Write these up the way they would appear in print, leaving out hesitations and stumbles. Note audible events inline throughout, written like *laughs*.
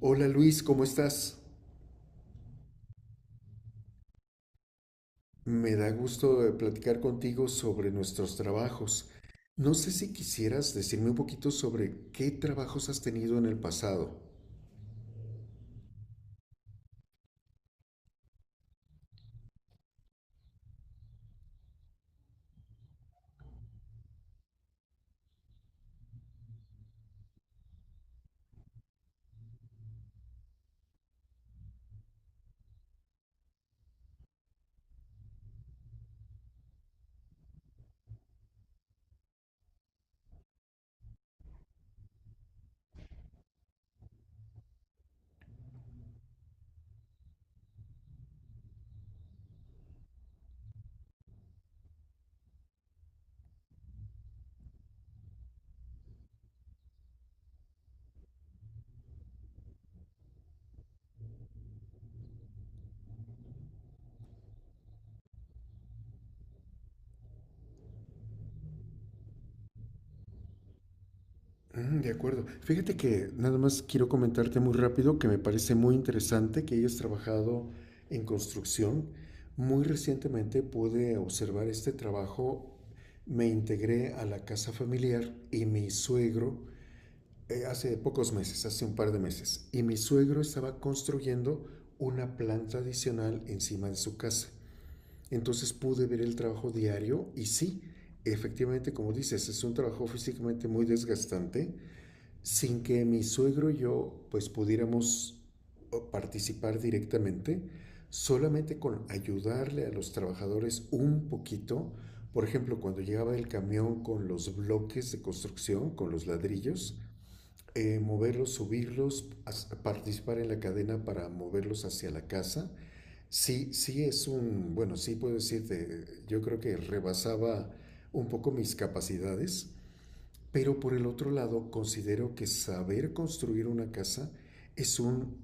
Hola Luis, ¿cómo estás? Me da gusto platicar contigo sobre nuestros trabajos. No sé si quisieras decirme un poquito sobre qué trabajos has tenido en el pasado. Mm, de acuerdo. Fíjate que nada más quiero comentarte muy rápido que me parece muy interesante que hayas trabajado en construcción. Muy recientemente pude observar este trabajo. Me integré a la casa familiar y mi suegro hace pocos meses, hace un par de meses, y mi suegro estaba construyendo una planta adicional encima de su casa. Entonces pude ver el trabajo diario y sí, efectivamente, como dices, es un trabajo físicamente muy desgastante, sin que mi suegro y yo pues pudiéramos participar directamente, solamente con ayudarle a los trabajadores un poquito. Por ejemplo, cuando llegaba el camión con los bloques de construcción, con los ladrillos, moverlos, subirlos, participar en la cadena para moverlos hacia la casa. Sí, sí es un, bueno, sí puedo decirte, yo creo que rebasaba un poco mis capacidades, pero por el otro lado considero que saber construir una casa es un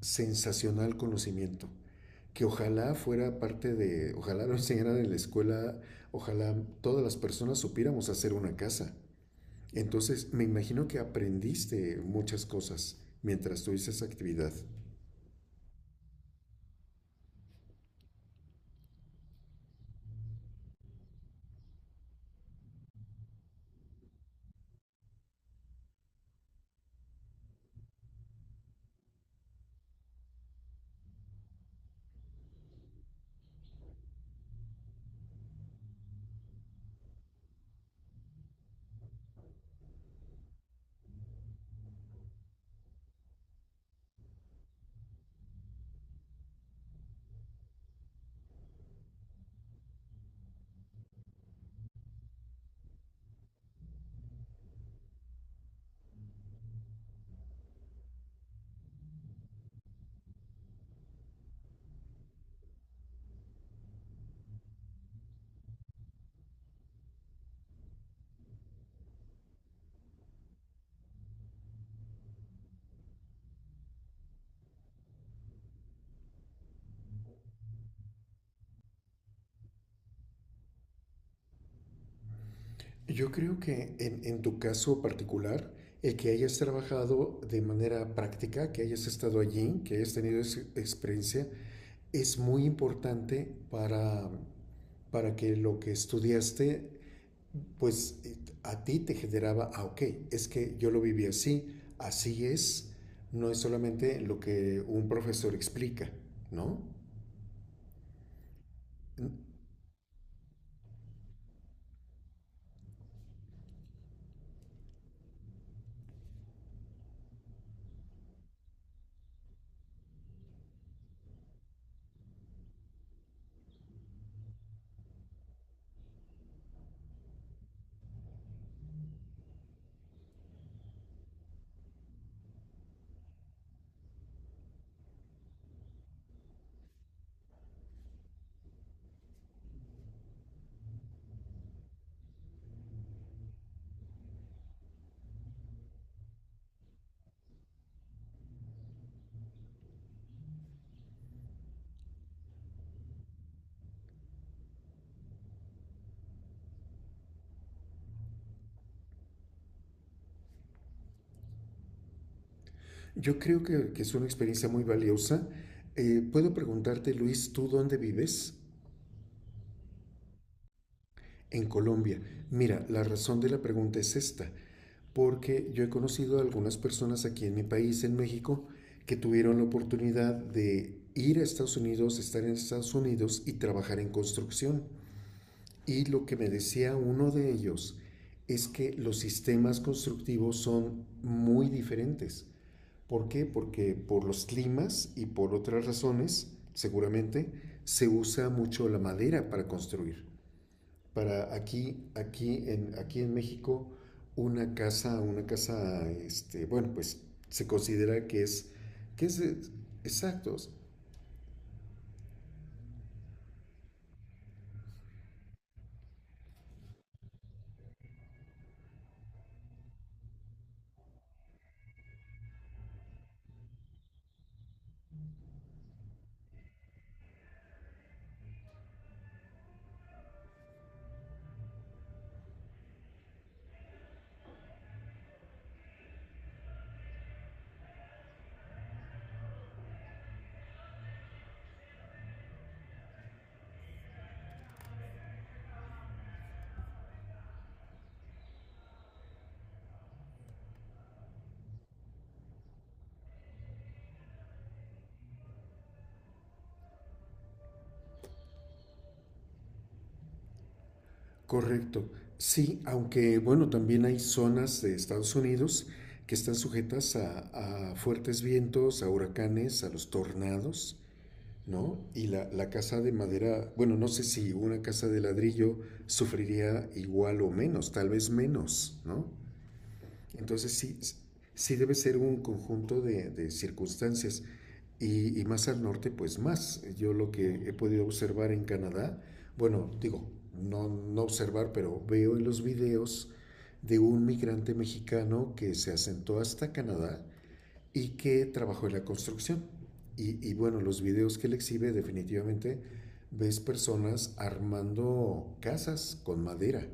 sensacional conocimiento, que ojalá fuera parte de, ojalá lo enseñaran en la escuela, ojalá todas las personas supiéramos hacer una casa. Entonces, me imagino que aprendiste muchas cosas mientras tuviste esa actividad. Yo creo que en tu caso particular, el que hayas trabajado de manera práctica, que hayas estado allí, que hayas tenido esa experiencia, es muy importante para que lo que estudiaste, pues a ti te generaba, ah, ok, es que yo lo viví así, así es, no es solamente lo que un profesor explica, ¿no? Yo creo que es una experiencia muy valiosa. Puedo preguntarte, Luis, ¿tú dónde vives? En Colombia. Mira, la razón de la pregunta es esta, porque yo he conocido a algunas personas aquí en mi país, en México, que tuvieron la oportunidad de ir a Estados Unidos, estar en Estados Unidos y trabajar en construcción. Y lo que me decía uno de ellos es que los sistemas constructivos son muy diferentes. ¿Por qué? Porque por los climas y por otras razones, seguramente, se usa mucho la madera para construir. Para aquí, aquí en México, una casa, este, bueno, pues se considera que es de- exactos, correcto. Sí, aunque bueno, también hay zonas de Estados Unidos que están sujetas a fuertes vientos, a huracanes, a los tornados. ¿No? Y la casa de madera, bueno, no sé si una casa de ladrillo sufriría igual o menos, tal vez menos, ¿no? Entonces sí, sí debe ser un conjunto de circunstancias y más al norte, pues más. Yo lo que he podido observar en Canadá, bueno, digo, no observar, pero veo en los videos de un migrante mexicano que se asentó hasta Canadá y que trabajó en la construcción. Y bueno, los videos que él exhibe definitivamente ves personas armando casas con madera.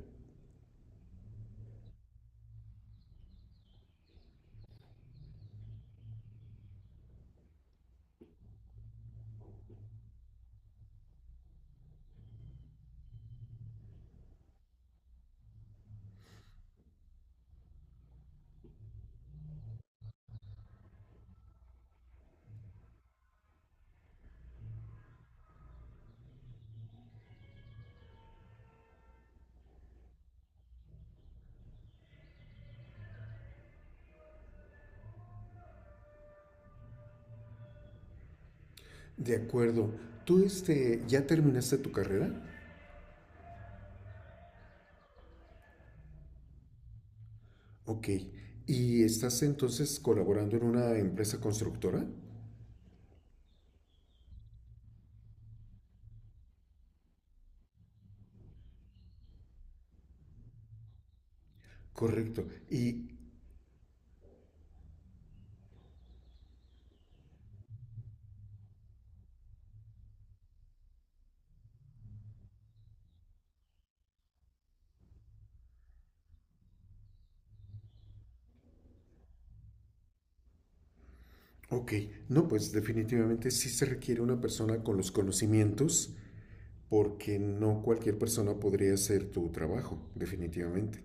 De acuerdo, tú este, ya terminaste tu carrera, ok, y estás entonces colaborando en una empresa constructora, correcto, y ok, no, pues definitivamente sí se requiere una persona con los conocimientos porque no cualquier persona podría hacer tu trabajo, definitivamente.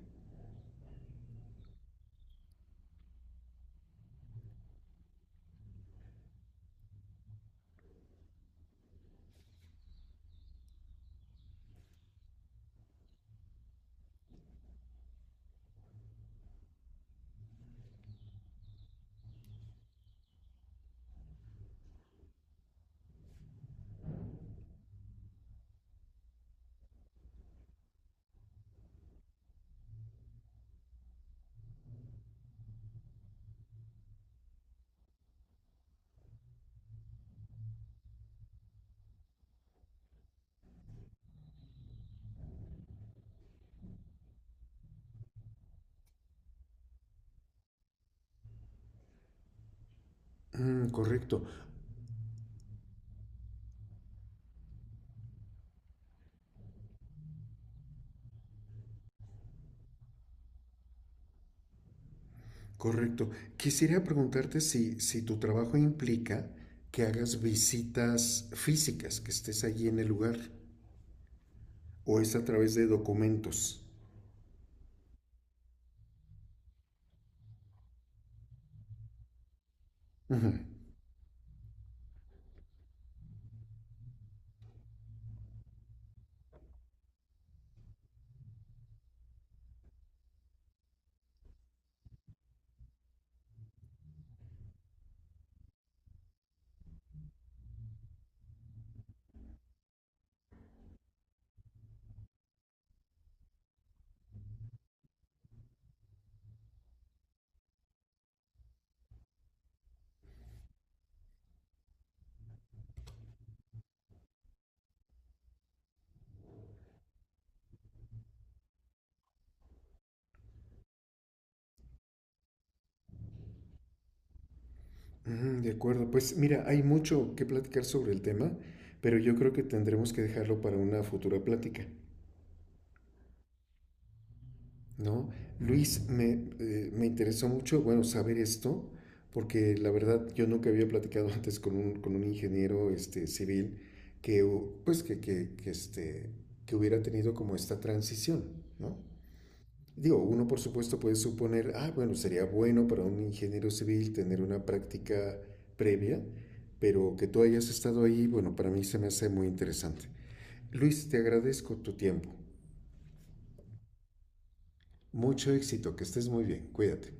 Mm, correcto. Correcto. Quisiera preguntarte si, si tu trabajo implica que hagas visitas físicas, que estés allí en el lugar, o es a través de documentos. Ujú. Ujú, de acuerdo. Pues mira, hay mucho que platicar sobre el tema, pero yo creo que tendremos que dejarlo para una futura plática. ¿No? Luis, me, me interesó mucho, bueno, saber esto, porque la verdad yo nunca había platicado *laughs* antes con un ingeniero este, civil que, pues, este, que hubiera tenido como esta transición, ¿no? Digo, uno por supuesto puede suponer, ah, bueno, sería bueno para un ingeniero civil tener una práctica previa, pero que tú hayas estado ahí, bueno, para mí se me hace muy interesante. Luis, te agradezco tu tiempo. Mucho éxito, que estés muy bien, cuídate.